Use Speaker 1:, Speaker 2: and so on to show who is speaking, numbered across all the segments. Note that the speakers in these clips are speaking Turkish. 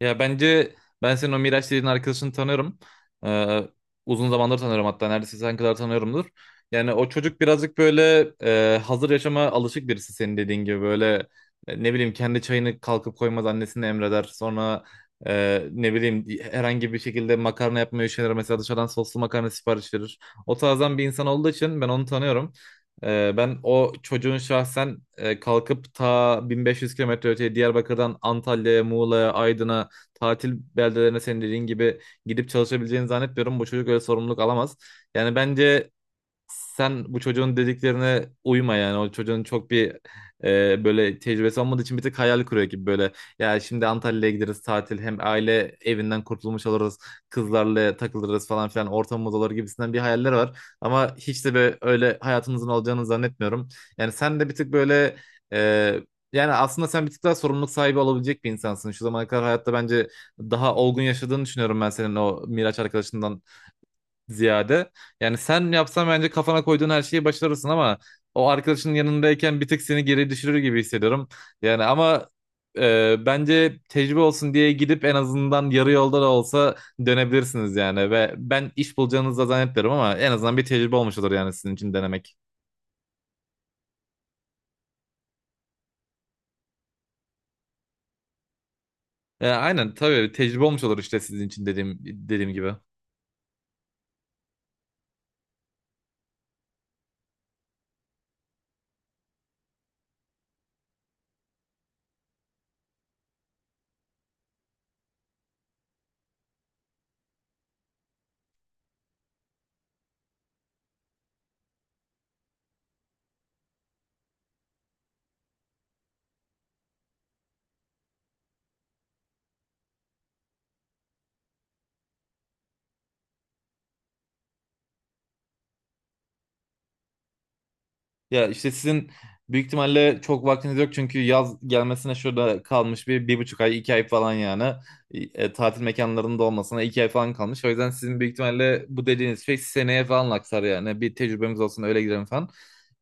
Speaker 1: Ya bence ben senin o Miraç dediğin arkadaşını tanıyorum. Ee, Uzun zamandır tanıyorum hatta neredeyse sen kadar tanıyorumdur. Yani o çocuk birazcık böyle hazır yaşama alışık birisi senin dediğin gibi böyle ne bileyim kendi çayını kalkıp koymaz annesine emreder. Sonra ne bileyim herhangi bir şekilde makarna yapmayı şeyler mesela dışarıdan soslu makarna sipariş verir. O tarzdan bir insan olduğu için ben onu tanıyorum. Ben o çocuğun şahsen kalkıp ta 1500 kilometre öteye Diyarbakır'dan Antalya'ya, Muğla'ya, Aydın'a tatil beldelerine senin dediğin gibi gidip çalışabileceğini zannetmiyorum. Bu çocuk öyle sorumluluk alamaz. Yani bence sen bu çocuğun dediklerine uyma yani o çocuğun çok bir böyle tecrübesi olmadığı için bir tık hayal kuruyor gibi böyle ya şimdi Antalya'ya gideriz tatil hem aile evinden kurtulmuş oluruz kızlarla takılırız falan filan ortamımız olur gibisinden bir hayaller var ama hiç de böyle öyle hayatınızın olacağını zannetmiyorum yani sen de bir tık böyle e, yani aslında sen bir tık daha sorumluluk sahibi olabilecek bir insansın. Şu zamana kadar hayatta bence daha olgun yaşadığını düşünüyorum ben senin o Miraç arkadaşından ziyade. Yani sen yapsan bence kafana koyduğun her şeyi başarırsın ama o arkadaşının yanındayken bir tık seni geri düşürür gibi hissediyorum. Yani ama bence tecrübe olsun diye gidip en azından yarı yolda da olsa dönebilirsiniz yani ve ben iş bulacağınızı da zannetmiyorum ama en azından bir tecrübe olmuş olur yani sizin için denemek. Aynen tabii tecrübe olmuş olur işte sizin için dediğim gibi. Ya işte sizin büyük ihtimalle çok vaktiniz yok çünkü yaz gelmesine şurada kalmış bir, bir buçuk ay, iki ay falan yani. Tatil mekanlarının da olmasına iki ay falan kalmış. O yüzden sizin büyük ihtimalle bu dediğiniz şey seneye falan aksar yani. Bir tecrübemiz olsun öyle gidelim falan.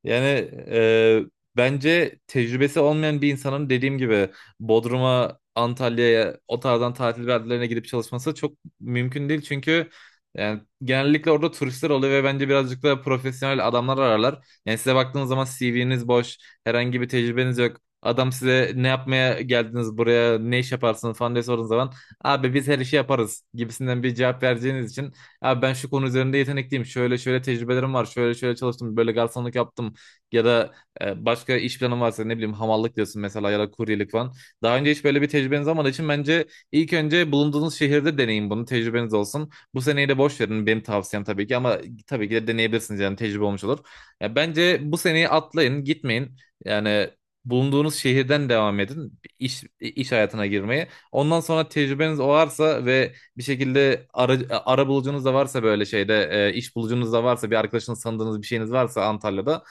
Speaker 1: Yani e, bence tecrübesi olmayan bir insanın dediğim gibi Bodrum'a, Antalya'ya o tarzdan tatil beldelerine gidip çalışması çok mümkün değil. Çünkü yani genellikle orada turistler oluyor ve bence birazcık da profesyonel adamlar ararlar. Yani size baktığınız zaman CV'niz boş, herhangi bir tecrübeniz yok. Adam size ne yapmaya geldiniz buraya, ne iş yaparsınız falan diye sorduğunuz zaman abi biz her işi yaparız gibisinden bir cevap vereceğiniz için abi ben şu konu üzerinde yetenekliyim, şöyle şöyle tecrübelerim var, şöyle şöyle çalıştım, böyle garsonluk yaptım ya da başka iş planım varsa ne bileyim hamallık diyorsun mesela ya da kuryelik falan. Daha önce hiç böyle bir tecrübeniz olmadığı için bence ilk önce bulunduğunuz şehirde deneyin bunu, tecrübeniz olsun. Bu seneyi de boş verin benim tavsiyem tabii ki ama tabii ki de deneyebilirsiniz yani tecrübe olmuş olur. Ya bence bu seneyi atlayın, gitmeyin. Yani bulunduğunuz şehirden devam edin iş hayatına girmeye. Ondan sonra tecrübeniz varsa ve bir şekilde ara bulucunuz da varsa böyle şeyde iş bulucunuz da varsa bir arkadaşınız sandığınız bir şeyiniz varsa Antalya'da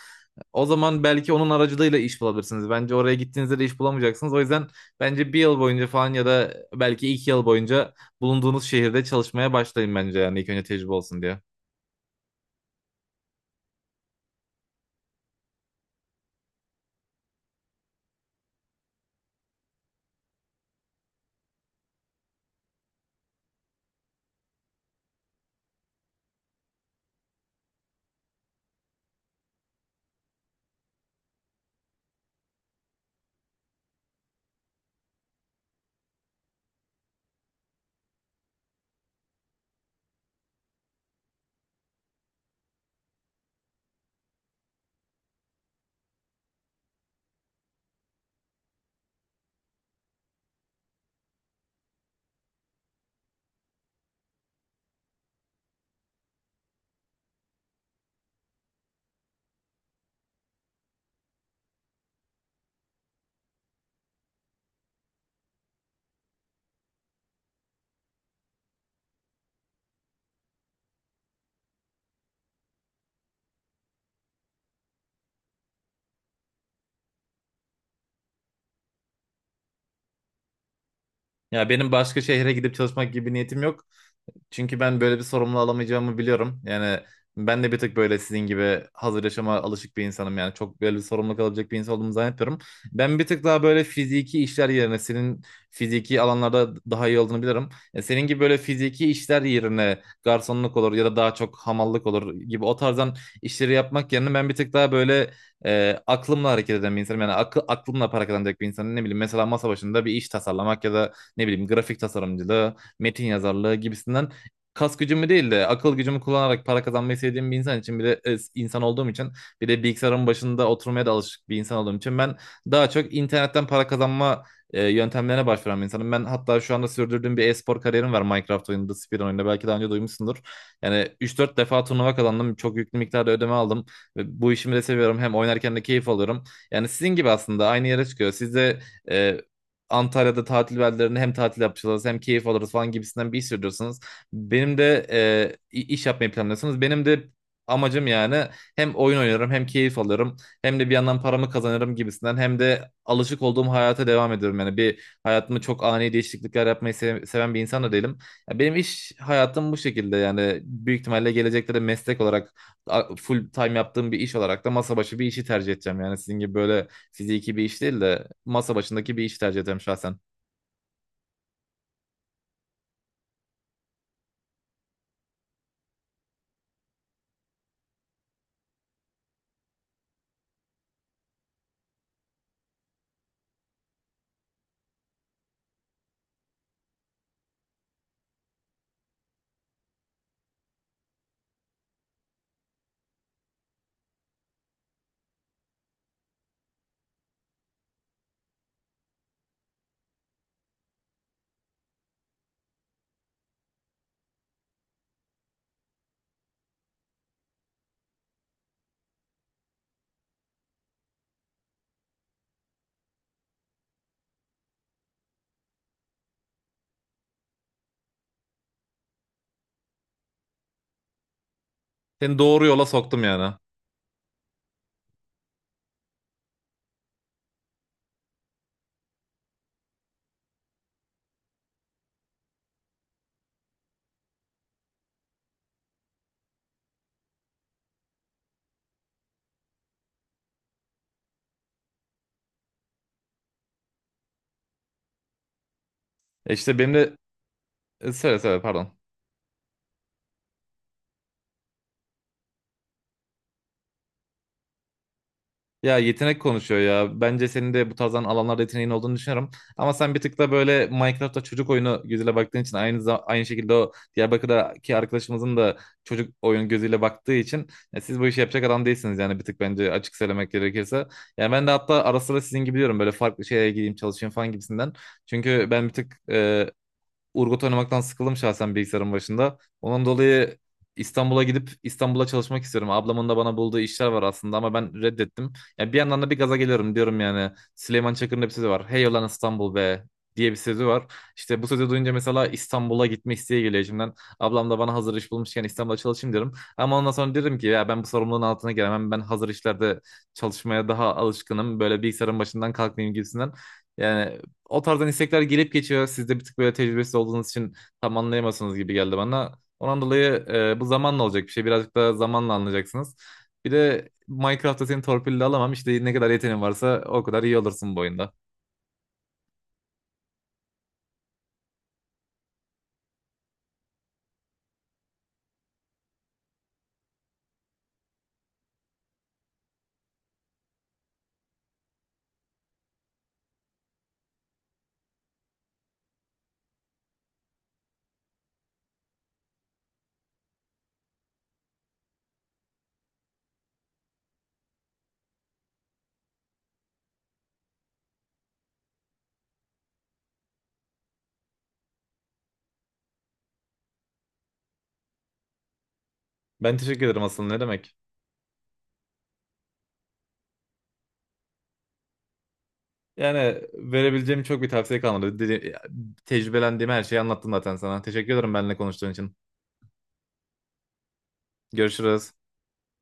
Speaker 1: o zaman belki onun aracılığıyla iş bulabilirsiniz. Bence oraya gittiğinizde de iş bulamayacaksınız. O yüzden bence bir yıl boyunca falan ya da belki iki yıl boyunca bulunduğunuz şehirde çalışmaya başlayın bence yani ilk önce tecrübe olsun diye. Ya benim başka şehre gidip çalışmak gibi bir niyetim yok. Çünkü ben böyle bir sorumluluğu alamayacağımı biliyorum. Yani ben de bir tık böyle sizin gibi hazır yaşama alışık bir insanım. Yani çok böyle bir sorumluluk alabilecek bir insan olduğumu zannetmiyorum. Ben bir tık daha böyle fiziki işler yerine senin fiziki alanlarda daha iyi olduğunu bilirim. Senin gibi böyle fiziki işler yerine garsonluk olur ya da daha çok hamallık olur gibi o tarzdan işleri yapmak yerine ben bir tık daha böyle aklımla hareket eden bir insanım. Yani aklımla para kazanacak bir insanım. Ne bileyim mesela masa başında bir iş tasarlamak ya da ne bileyim grafik tasarımcılığı, metin yazarlığı gibisinden kas gücümü değil de akıl gücümü kullanarak para kazanmayı sevdiğim bir insan için bir de insan olduğum için bir de bilgisayarın başında oturmaya da alışık bir insan olduğum için ben daha çok internetten para kazanma yöntemlerine başvuran bir insanım. Ben hatta şu anda sürdürdüğüm bir e-spor kariyerim var Minecraft oyununda, Speedrun oyununda. Belki daha önce duymuşsundur. Yani üç dört defa turnuva kazandım. Çok yüklü miktarda ödeme aldım. Ve bu işimi de seviyorum. Hem oynarken de keyif alıyorum. Yani sizin gibi aslında aynı yere çıkıyor. Siz de e, Antalya'da tatil beldelerinde hem tatil yapacağız hem keyif alırız falan gibisinden bir iş sürdürüyorsunuz. Benim de iş yapmayı planlıyorsunuz. Benim de amacım yani hem oyun oynarım hem keyif alırım hem de bir yandan paramı kazanırım gibisinden hem de alışık olduğum hayata devam ediyorum. Yani bir hayatımı çok ani değişiklikler yapmayı seven bir insan da değilim. Ya benim iş hayatım bu şekilde yani büyük ihtimalle gelecekte de meslek olarak full time yaptığım bir iş olarak da masa başı bir işi tercih edeceğim. Yani sizin gibi böyle fiziki bir iş değil de masa başındaki bir işi tercih edeceğim şahsen. Seni doğru yola soktum yani. İşte benim de söyle pardon. Ya yetenek konuşuyor ya. Bence senin de bu tarzdan alanlarda yeteneğin olduğunu düşünüyorum. Ama sen bir tık da böyle Minecraft'ta çocuk oyunu gözüyle baktığın için aynı şekilde o Diyarbakır'daki arkadaşımızın da çocuk oyun gözüyle baktığı için ya siz bu işi yapacak adam değilsiniz yani bir tık bence açık söylemek gerekirse. Yani ben de hatta ara sıra sizin gibi diyorum böyle farklı şeye gideyim çalışayım falan gibisinden. Çünkü ben bir tık Urgot oynamaktan sıkıldım şahsen bilgisayarın başında. Onun dolayı İstanbul'a gidip İstanbul'a çalışmak istiyorum. Ablamın da bana bulduğu işler var aslında ama ben reddettim. Yani bir yandan da bir gaza geliyorum diyorum yani. Süleyman Çakır'ın da bir sözü var. Hey ulan İstanbul be diye bir sözü var. İşte bu sözü duyunca mesela İstanbul'a gitme isteği geliyor içimden. Ablam da bana hazır iş bulmuşken İstanbul'a çalışayım diyorum. Ama ondan sonra dedim ki ya ben bu sorumluluğun altına gelemem. Ben hazır işlerde çalışmaya daha alışkınım. Böyle bilgisayarın başından kalkmayayım gibisinden. Yani o tarzdan istekler gelip geçiyor. Siz de bir tık böyle tecrübesiz olduğunuz için tam anlayamazsınız gibi geldi bana. Ondan dolayı bu zamanla olacak bir şey. Birazcık daha zamanla anlayacaksınız. Bir de Minecraft'ta seni torpille alamam. İşte ne kadar yeteneğin varsa o kadar iyi olursun bu oyunda. Ben teşekkür ederim aslında ne demek. Yani verebileceğim çok bir tavsiye kalmadı. Tecrübelendiğim her şeyi anlattım zaten sana. Teşekkür ederim benimle konuştuğun için. Görüşürüz.